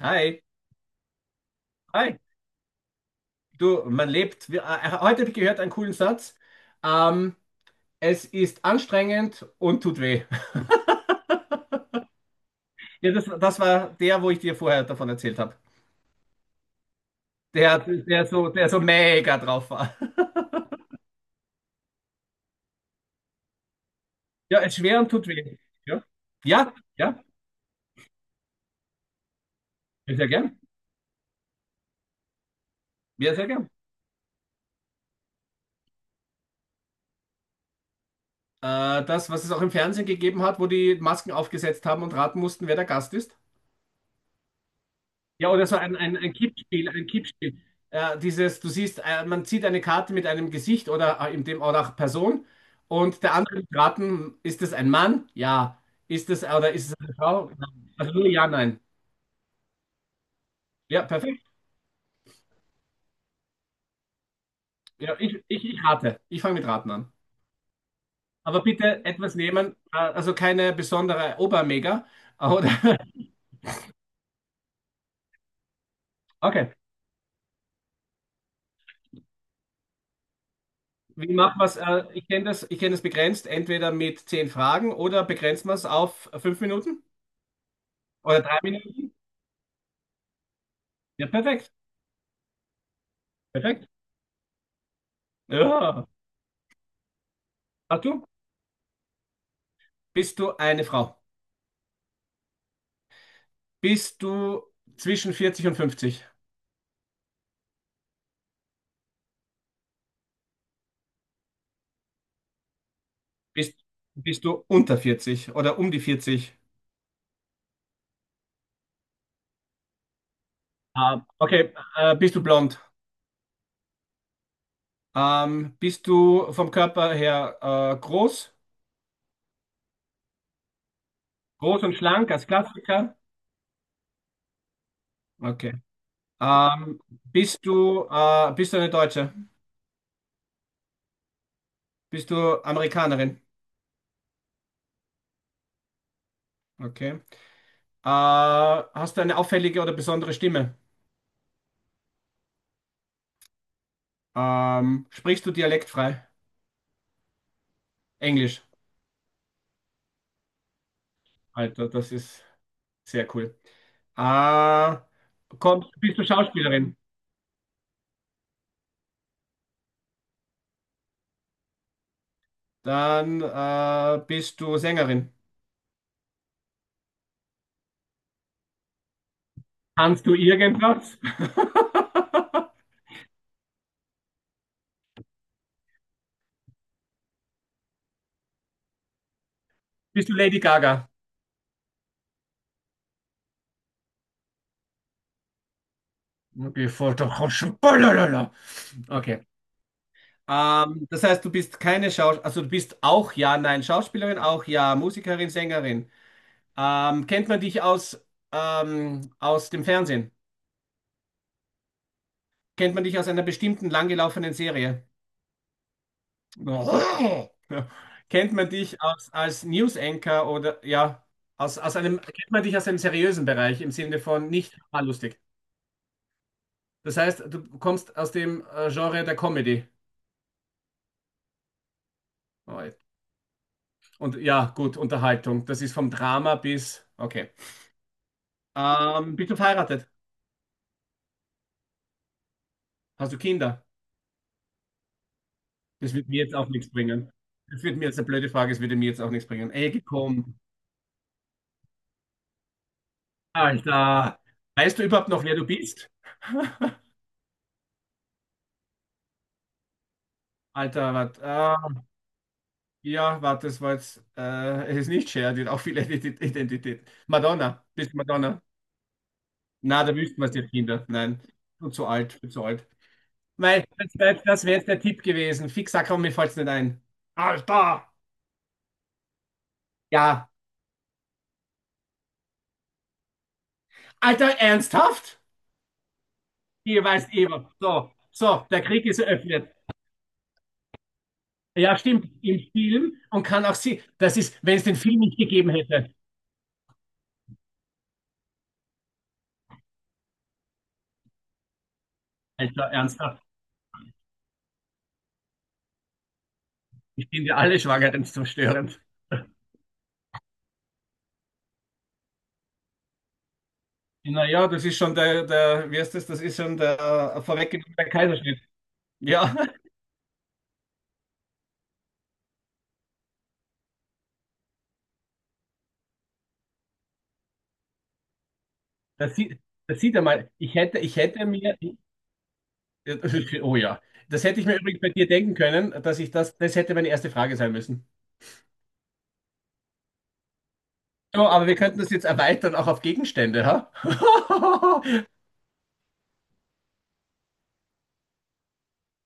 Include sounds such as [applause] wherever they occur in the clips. Hi, hi. Du, man lebt. Heute habe ich gehört einen coolen Satz. Ähm, Es ist anstrengend und tut weh. [laughs] Ja, das war der, wo ich dir vorher davon erzählt habe. Der so mega drauf war. [laughs] Ja, es ist schwer und tut weh. Ja, ja, ja. Ja, sehr gern. Ja, sehr gern. Das, was es auch im Fernsehen gegeben hat, wo die Masken aufgesetzt haben und raten mussten, wer der Gast ist. Ja, oder so ein Kippspiel, ein Kippspiel. Dieses, du siehst, man zieht eine Karte mit einem Gesicht oder in dem oder auch Person, und der andere wird raten, ist es ein Mann? Ja. Ist es oder ist es eine Frau? Nein. Also nur ja, nein. Ja, perfekt. Ja, ich rate. Ich fange mit Raten an. Aber bitte etwas nehmen, also keine besondere Obermega. Oder [laughs] okay. Wie macht man es? Ich kenne das, ich kenne das begrenzt, entweder mit zehn Fragen oder begrenzt man es auf fünf Minuten oder drei Minuten. Ja, perfekt. Perfekt. Ja. Ach du? Bist du eine Frau? Bist du zwischen 40 und 50? Bist, Bist du unter 40 oder um die 40? Ah, okay. Bist du blond? Bist du vom Körper her groß? Groß und schlank als Klassiker? Okay. Ähm, bist du eine Deutsche? Bist du Amerikanerin? Okay. Hast du eine auffällige oder besondere Stimme? Sprichst du dialektfrei? Englisch. Alter, das ist. Sehr cool. Äh, Bist du Schauspielerin? Dann bist du Sängerin. Kannst du irgendwas? [laughs] Bist du Lady Gaga? Okay, voll doch. Balalala. Okay. Das heißt, du bist keine Schauspielerin, also du bist auch ja, nein, Schauspielerin, auch ja, Musikerin, Sängerin. Kennt man dich aus, aus dem Fernsehen? Kennt man dich aus einer bestimmten langgelaufenen Serie? [laughs] Oh. Ja. Kennt man dich als, als News Anchor oder ja, aus einem, kennt man dich aus einem seriösen Bereich im Sinne von nicht mal lustig. Das heißt, du kommst aus dem Genre der Comedy. Oh, ja. Und ja, gut, Unterhaltung. Das ist vom Drama bis, okay. Bist du verheiratet? Hast du Kinder? Das wird mir jetzt auch nichts bringen. Das wird mir jetzt eine blöde Frage, das würde mir jetzt auch nichts bringen. Ey, komm, Alter. Weißt du überhaupt noch, wer du bist? [laughs] Alter, was? Ja, warte, das war jetzt, [laughs] es ist nicht Cher, die hat auch viele Identitäten. Madonna, bist du Madonna? Na, da wüssten wir es ja, Kinder. Nein, du zu alt, du zu alt. Mei, das wär jetzt der Tipp gewesen. Fix, sag, komm, mir fällt's nicht ein. Alter! Ja. Alter, ernsthaft? Ihr weißt eh was. So, so, der Krieg ist eröffnet. Ja, stimmt, im Film und kann auch sie, das ist, wenn es den Film nicht gegeben hätte. Alter, ernsthaft. Ich bin ja alle Schwangeren [laughs] zerstörend. Naja, das ist schon wie heißt das? Das ist schon der vorweggenommene Kaiserschnitt. Ja, [laughs] das sieht, das sieht er mal. Ich hätte mir, [laughs] oh ja, das hätte ich mir übrigens bei dir denken können, dass ich das, das hätte meine erste Frage sein müssen. So, aber wir könnten das jetzt erweitern auch auf Gegenstände, ha? [laughs]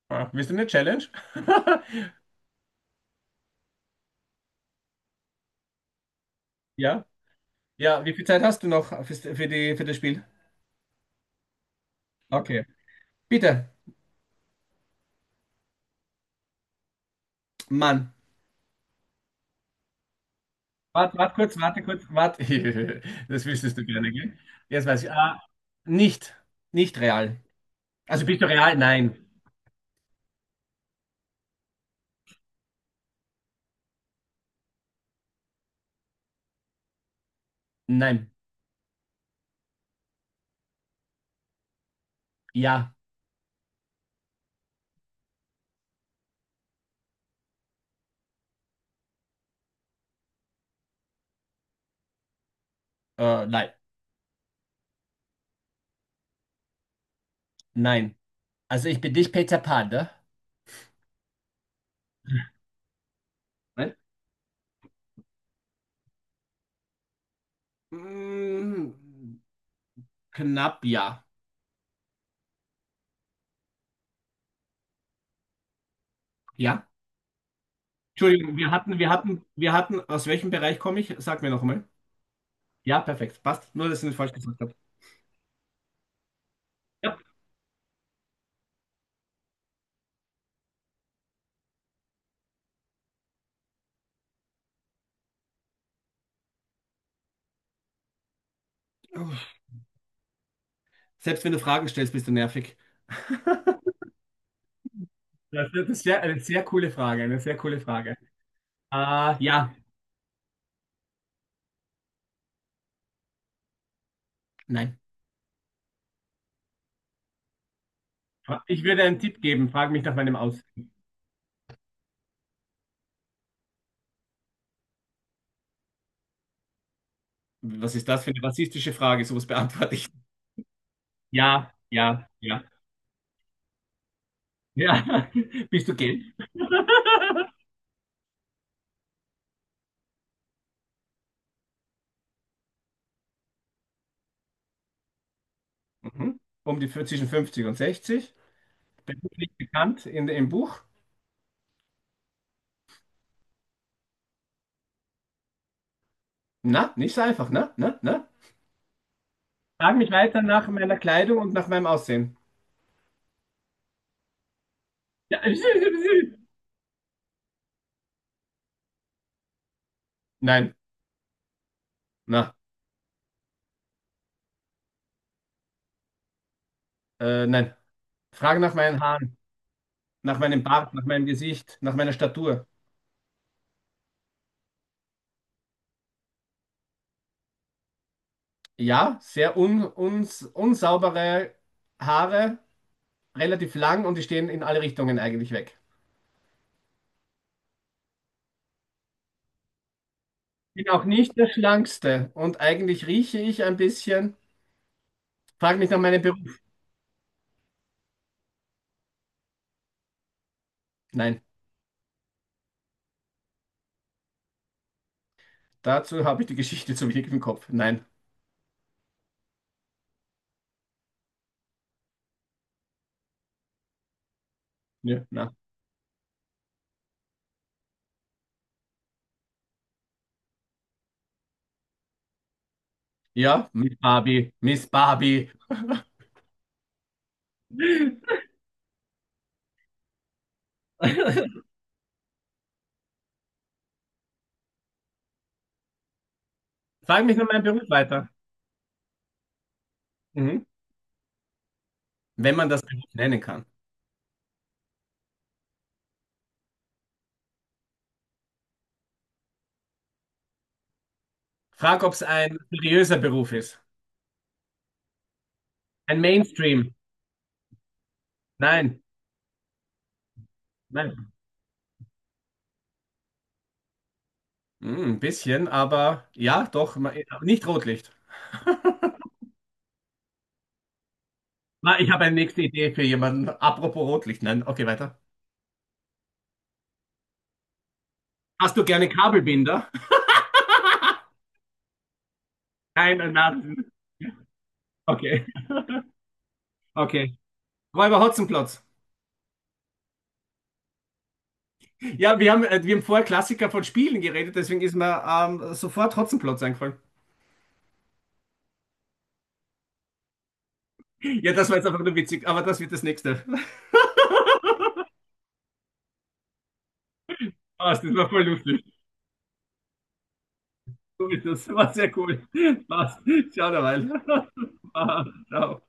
Ah, willst du eine Challenge? [laughs] Ja, ja, wie viel Zeit hast du noch für das Spiel? Okay, bitte, Mann. Warte. [laughs] Das wüsstest du gerne, gell? Jetzt weiß ich. Ah, nicht, nicht real. Also bist du real? Nein. Nein. Ja. Nein. Nein. Also ich bin nicht Peter Pan, ne? Nein? Mm, knapp ja. Ja? Entschuldigung, wir hatten, aus welchem Bereich komme ich? Sag mir noch mal. Ja, perfekt. Passt. Nur, dass ich nicht falsch gesagt habe. Ja. Selbst wenn du Fragen stellst, bist du nervig. [laughs] Das ist sehr, eine sehr coole Frage, eine sehr coole Frage. Ah, ja. Nein. Ich würde einen Tipp geben, frag mich nach meinem Aus. Was ist das für eine rassistische Frage? Sowas beantworte ich. Ja, ja, ja. Ja. [laughs] Bist du gay? [laughs] Mhm. Um die zwischen 50 und 60. Beruflich bekannt in, im Buch. Na, nicht so einfach, ne? Ne? Ne? Frag mich weiter nach nach meiner Kleidung und nach meinem Aussehen. Ja. [laughs] Nein. Na, nein. Frage nach meinen Haaren, nach meinem Bart, nach meinem Gesicht, nach meiner Statur. Ja, sehr unsaubere Haare, relativ lang und die stehen in alle Richtungen eigentlich weg. Bin auch nicht der Schlankste und eigentlich rieche ich ein bisschen. Frag mich nach meinem Beruf. Nein, dazu habe ich die Geschichte zu wenig im Kopf. Nein. Ja, na. Ja, Miss Barbie, Miss Barbie. [laughs] Frag mich nach meinem Beruf weiter. Mhm. Wenn man das Beruf nennen kann. Frag, ob es ein seriöser Beruf ist. Ein Mainstream. Nein. Nein. Hm, ein bisschen, aber ja, doch, nicht Rotlicht. Na, ich habe eine nächste Idee für jemanden. Apropos Rotlicht. Nein, okay, weiter. Hast du gerne Kabelbinder? [laughs] Nein, nein. Okay, okay. Räuber Hotzenplotz. Ja, wir haben vorher Klassiker von Spielen geredet, deswegen ist mir sofort Hotzenplotz eingefallen. Ja, das war jetzt einfach nur witzig, aber das wird das nächste. [laughs] Passt, das war voll lustig. So ist das. War sehr cool. Passt. Ciao derweil. [laughs] Ciao.